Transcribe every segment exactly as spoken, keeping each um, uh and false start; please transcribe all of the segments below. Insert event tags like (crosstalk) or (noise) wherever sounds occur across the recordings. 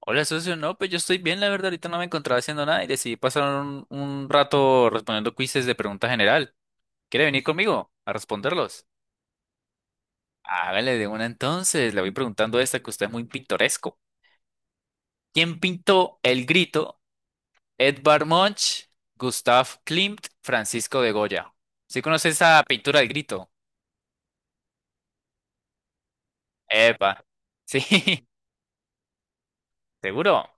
Hola, socio. No, pues yo estoy bien, la verdad. Ahorita no me encontraba haciendo nada y decidí pasar un, un rato respondiendo quizzes de pregunta general. ¿Quiere venir conmigo a responderlos? Hágale de una entonces. Le voy preguntando esta que usted es muy pintoresco. ¿Quién pintó El Grito? Edvard Munch, Gustav Klimt, Francisco de Goya. ¿Sí conoce esa pintura del Grito? Epa. Sí, (laughs) seguro.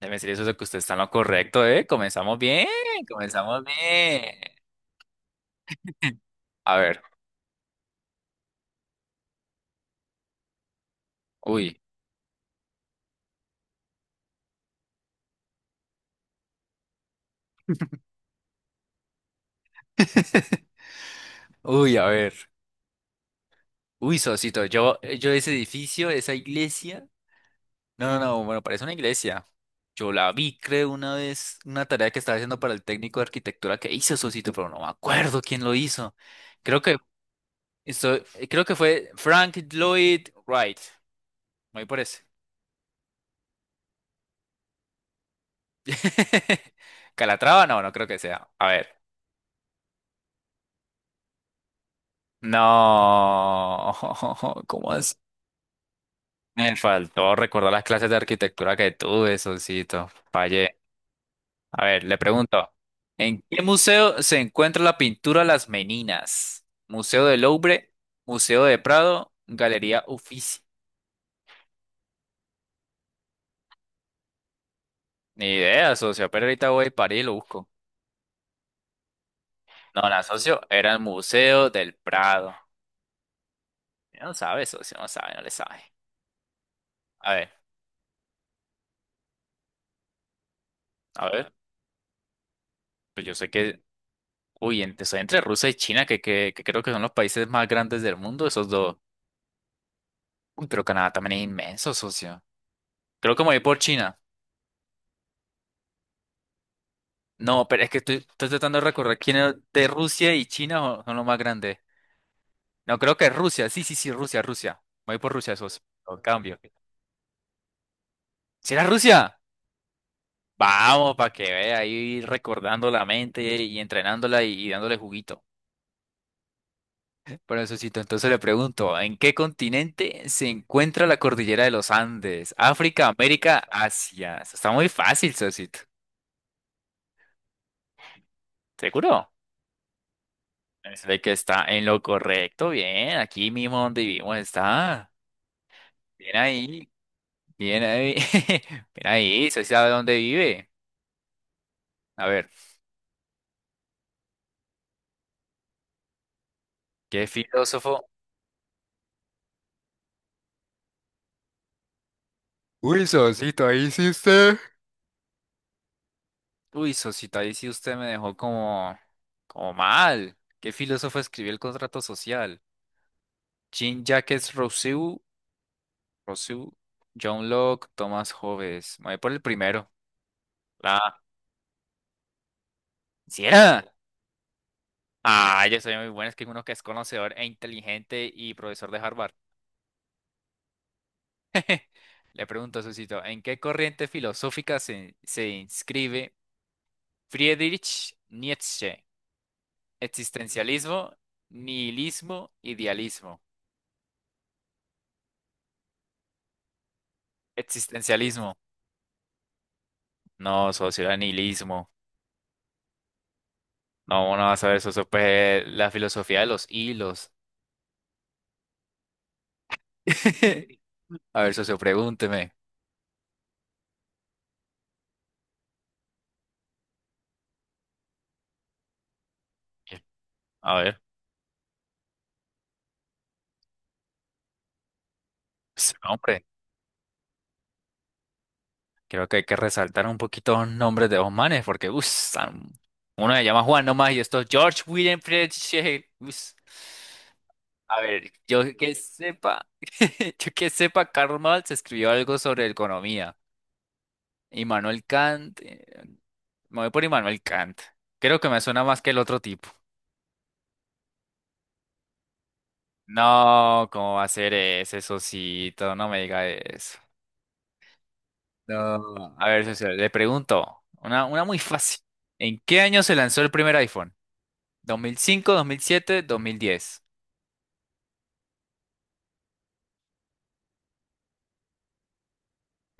Debe decir eso de que usted está en lo correcto, ¿eh? Comenzamos bien, comenzamos bien. A ver, uy. (laughs) Uy, a ver. Uy, Sosito, yo, eh, yo ese edificio, esa iglesia. No, no, no, bueno, parece una iglesia. Yo la vi, creo, una vez, una tarea que estaba haciendo para el técnico de arquitectura que hizo Sosito, pero no me acuerdo quién lo hizo. Creo que esto- eh, creo que fue Frank Lloyd Wright. Me voy por ese. (laughs) Calatrava, no, no creo que sea. A ver. No. (laughs) ¿Cómo es? Me faltó recordar las clases de arquitectura que tuve, Sosito. Fallé. A ver, le pregunto, ¿en qué museo se encuentra la pintura Las Meninas? ¿Museo del Louvre? ¿Museo de Prado? ¿Galería Uffizi? Ni idea, socio, pero ahorita voy a París y lo busco. No, la socio, era el Museo del Prado. No sabe, socio, no sabe, no le sabe. A ver, a ver, pues yo sé que, uy, entre, soy entre Rusia y China, que, que, que creo que son los países más grandes del mundo, esos dos. Uy, pero Canadá también es inmenso, socio. Creo que me voy por China. No, pero es que estoy, estoy tratando de recordar quién es de Rusia y China o- son los más grandes. No, creo que es Rusia. Sí, sí, sí, Rusia, Rusia. Voy por Rusia, sos. Lo cambio. ¿Será Rusia? Vamos, para que vea ahí recordando la mente y entrenándola y, y dándole juguito. Bueno, sosito, entonces le pregunto, ¿en qué continente se encuentra la cordillera de los Andes? África, América, Asia. Eso está muy fácil, Sosito. ¿Seguro? Es de que está en lo correcto, bien. Aquí mismo donde vivimos está. Bien ahí. Bien ahí. (laughs) Bien ahí, ¿se sabe dónde vive? A ver, ¿qué filósofo? Uy, Sosito, ahí sí usted. Uy, Sosito, ahí sí usted me dejó como, como mal. ¿Qué filósofo escribió el contrato social? Jean-Jacques Rousseau, Rousseau, John Locke, Thomas Hobbes. Me voy por el primero. La A. ¿Sí era? Ah, yo soy muy bueno, es que uno que es conocedor e inteligente y profesor de Harvard. (laughs) Le pregunto, Sosito, ¿en qué corriente filosófica se, se inscribe? Friedrich Nietzsche. Existencialismo, nihilismo, idealismo. Existencialismo. No, socio, era nihilismo. No, no vas a ver, socio, pues la filosofía de los hilos. (laughs) A ver, socio, pregúnteme. A ver, pues, hombre, creo que hay que resaltar un poquito los nombres de los manes, porque uff, uno se llama Juan nomás y esto es George William Friedrich. Uss. A ver, yo que sepa, (laughs) yo que sepa, Karl Marx escribió algo sobre economía. Immanuel Kant, eh, me voy por Immanuel Kant. Creo que me suena más que el otro tipo. No, ¿cómo va a ser ese socito? No me diga eso. No. A ver, socio, le pregunto, una, una muy fácil. ¿En qué año se lanzó el primer iPhone? ¿dos mil cinco, dos mil siete, dos mil diez?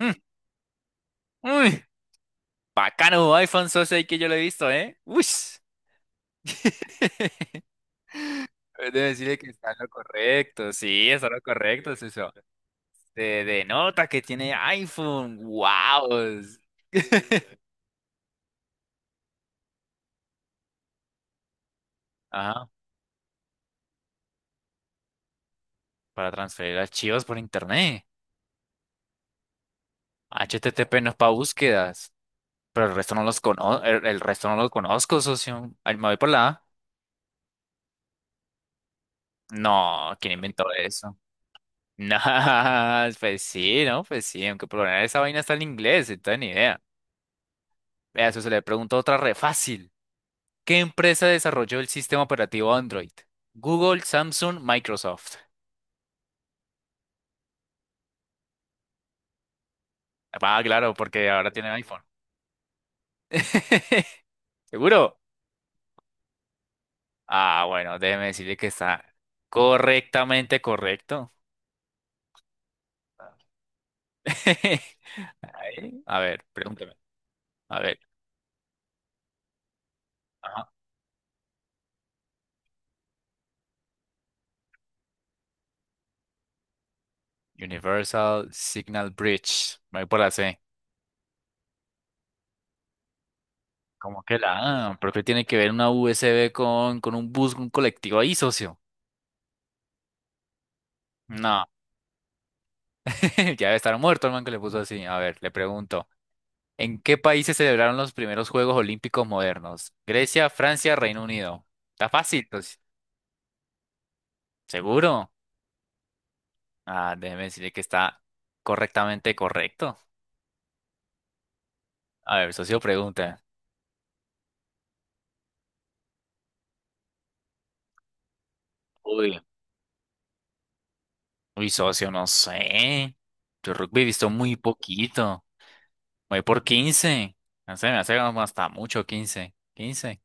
Mm, uy, bacano iPhone, socio, ahí que yo lo he visto, ¿eh? Uy. (laughs) Debe decirle que está en lo correcto, sí, está en lo correcto, eso. Te denota que tiene iPhone, wow. (laughs) Ajá, para transferir archivos por internet. HTTP no es para búsquedas, pero el, resto no los conozco, el, el resto no lo conozco, socio. Ay, me voy por la A. No, ¿quién inventó eso? (laughs) No, pues sí, ¿no? Pues sí, aunque por lo general esa vaina está en inglés, entonces ni idea. Vea, eso se le pregunta otra re fácil. ¿Qué empresa desarrolló el sistema operativo Android? Google, Samsung, Microsoft. Ah, claro, porque ahora tienen iPhone. (laughs) ¿Seguro? Ah, bueno, déjeme decirle que está correctamente correcto. (laughs) Ahí. A ver, pregúnteme. A ver. Ajá. Universal Signal Bridge. Me voy por la C. ¿Cómo que la A? ¿Por qué tiene que ver una U S B con, con un bus, un colectivo ahí, socio? No. (laughs) Ya debe estar muerto el man que le puso así. A ver, le pregunto. ¿En qué país se celebraron los primeros Juegos Olímpicos modernos? Grecia, Francia, Reino Unido. Está fácil, pues. ¿Seguro? Ah, déjeme decirle que está correctamente correcto. A ver, socio pregunta. Uy, uy, socio, no sé. Yo rugby he visto muy poquito. Me voy por quince. No sé, me hace como hasta mucho quince, ¿quince?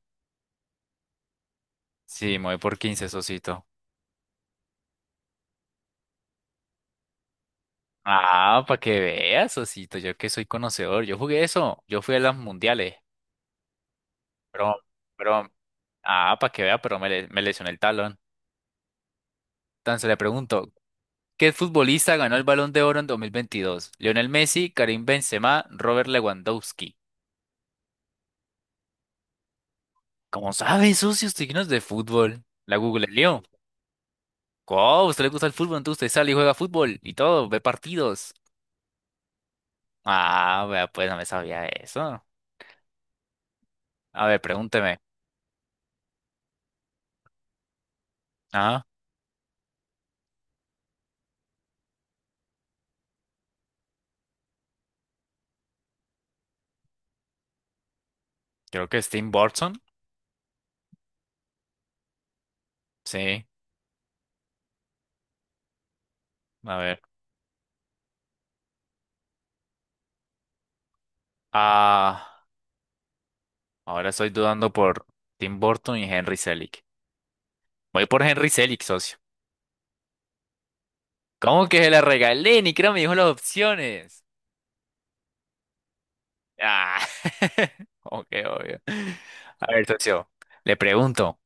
Sí, me voy por quince, socito. Ah, para que veas, socito. Yo que soy conocedor. Yo jugué eso. Yo fui a las mundiales. Pero, pero, ah, para que vea, pero me, le- me lesioné el talón. Entonces le pregunto, ¿qué futbolista ganó el Balón de Oro en dos mil veintidós? Lionel Messi, Karim Benzema, Robert Lewandowski. ¿Cómo sabe, socio? Usted que no es de fútbol. La googleo. ¿Cómo? ¿Usted le gusta el fútbol? Entonces usted sale y juega fútbol y todo, ve partidos. Ah, vea, pues no me sabía eso. A ver, pregúnteme. Ah, creo que es Tim Burton. Sí, a ver. Ah, ahora estoy dudando por Tim Burton y Henry Selick. Voy por Henry Selick, socio. ¿Cómo que se la regalé? Ni creo me dijo las opciones. Ah, (laughs) ok, obvio. A ver, socio, le pregunto,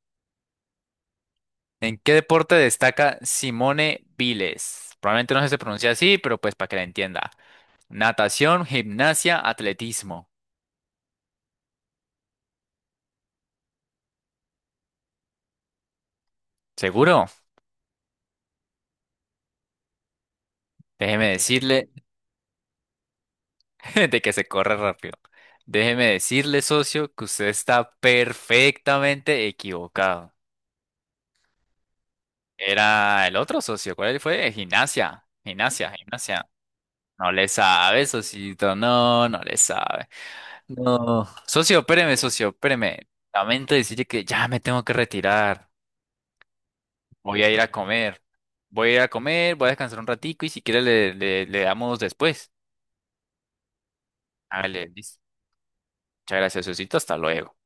¿en qué deporte destaca Simone Biles? Probablemente no si se pronuncia así, pero pues para que la entienda. Natación, gimnasia, atletismo. ¿Seguro? Déjeme decirle, (laughs) de que se corre rápido. Déjeme decirle, socio, que usted está perfectamente equivocado. Era el otro socio, ¿cuál fue? Gimnasia, gimnasia, gimnasia. No le sabe, socito, no, no le sabe. No. Socio, espéreme, socio, espéreme. Lamento decirle que ya me tengo que retirar. Voy a ir a comer. Voy a ir a comer, voy a descansar un ratico y si quiere le, le, le damos después. Hágale, listo. Muchas gracias, socito, hasta luego.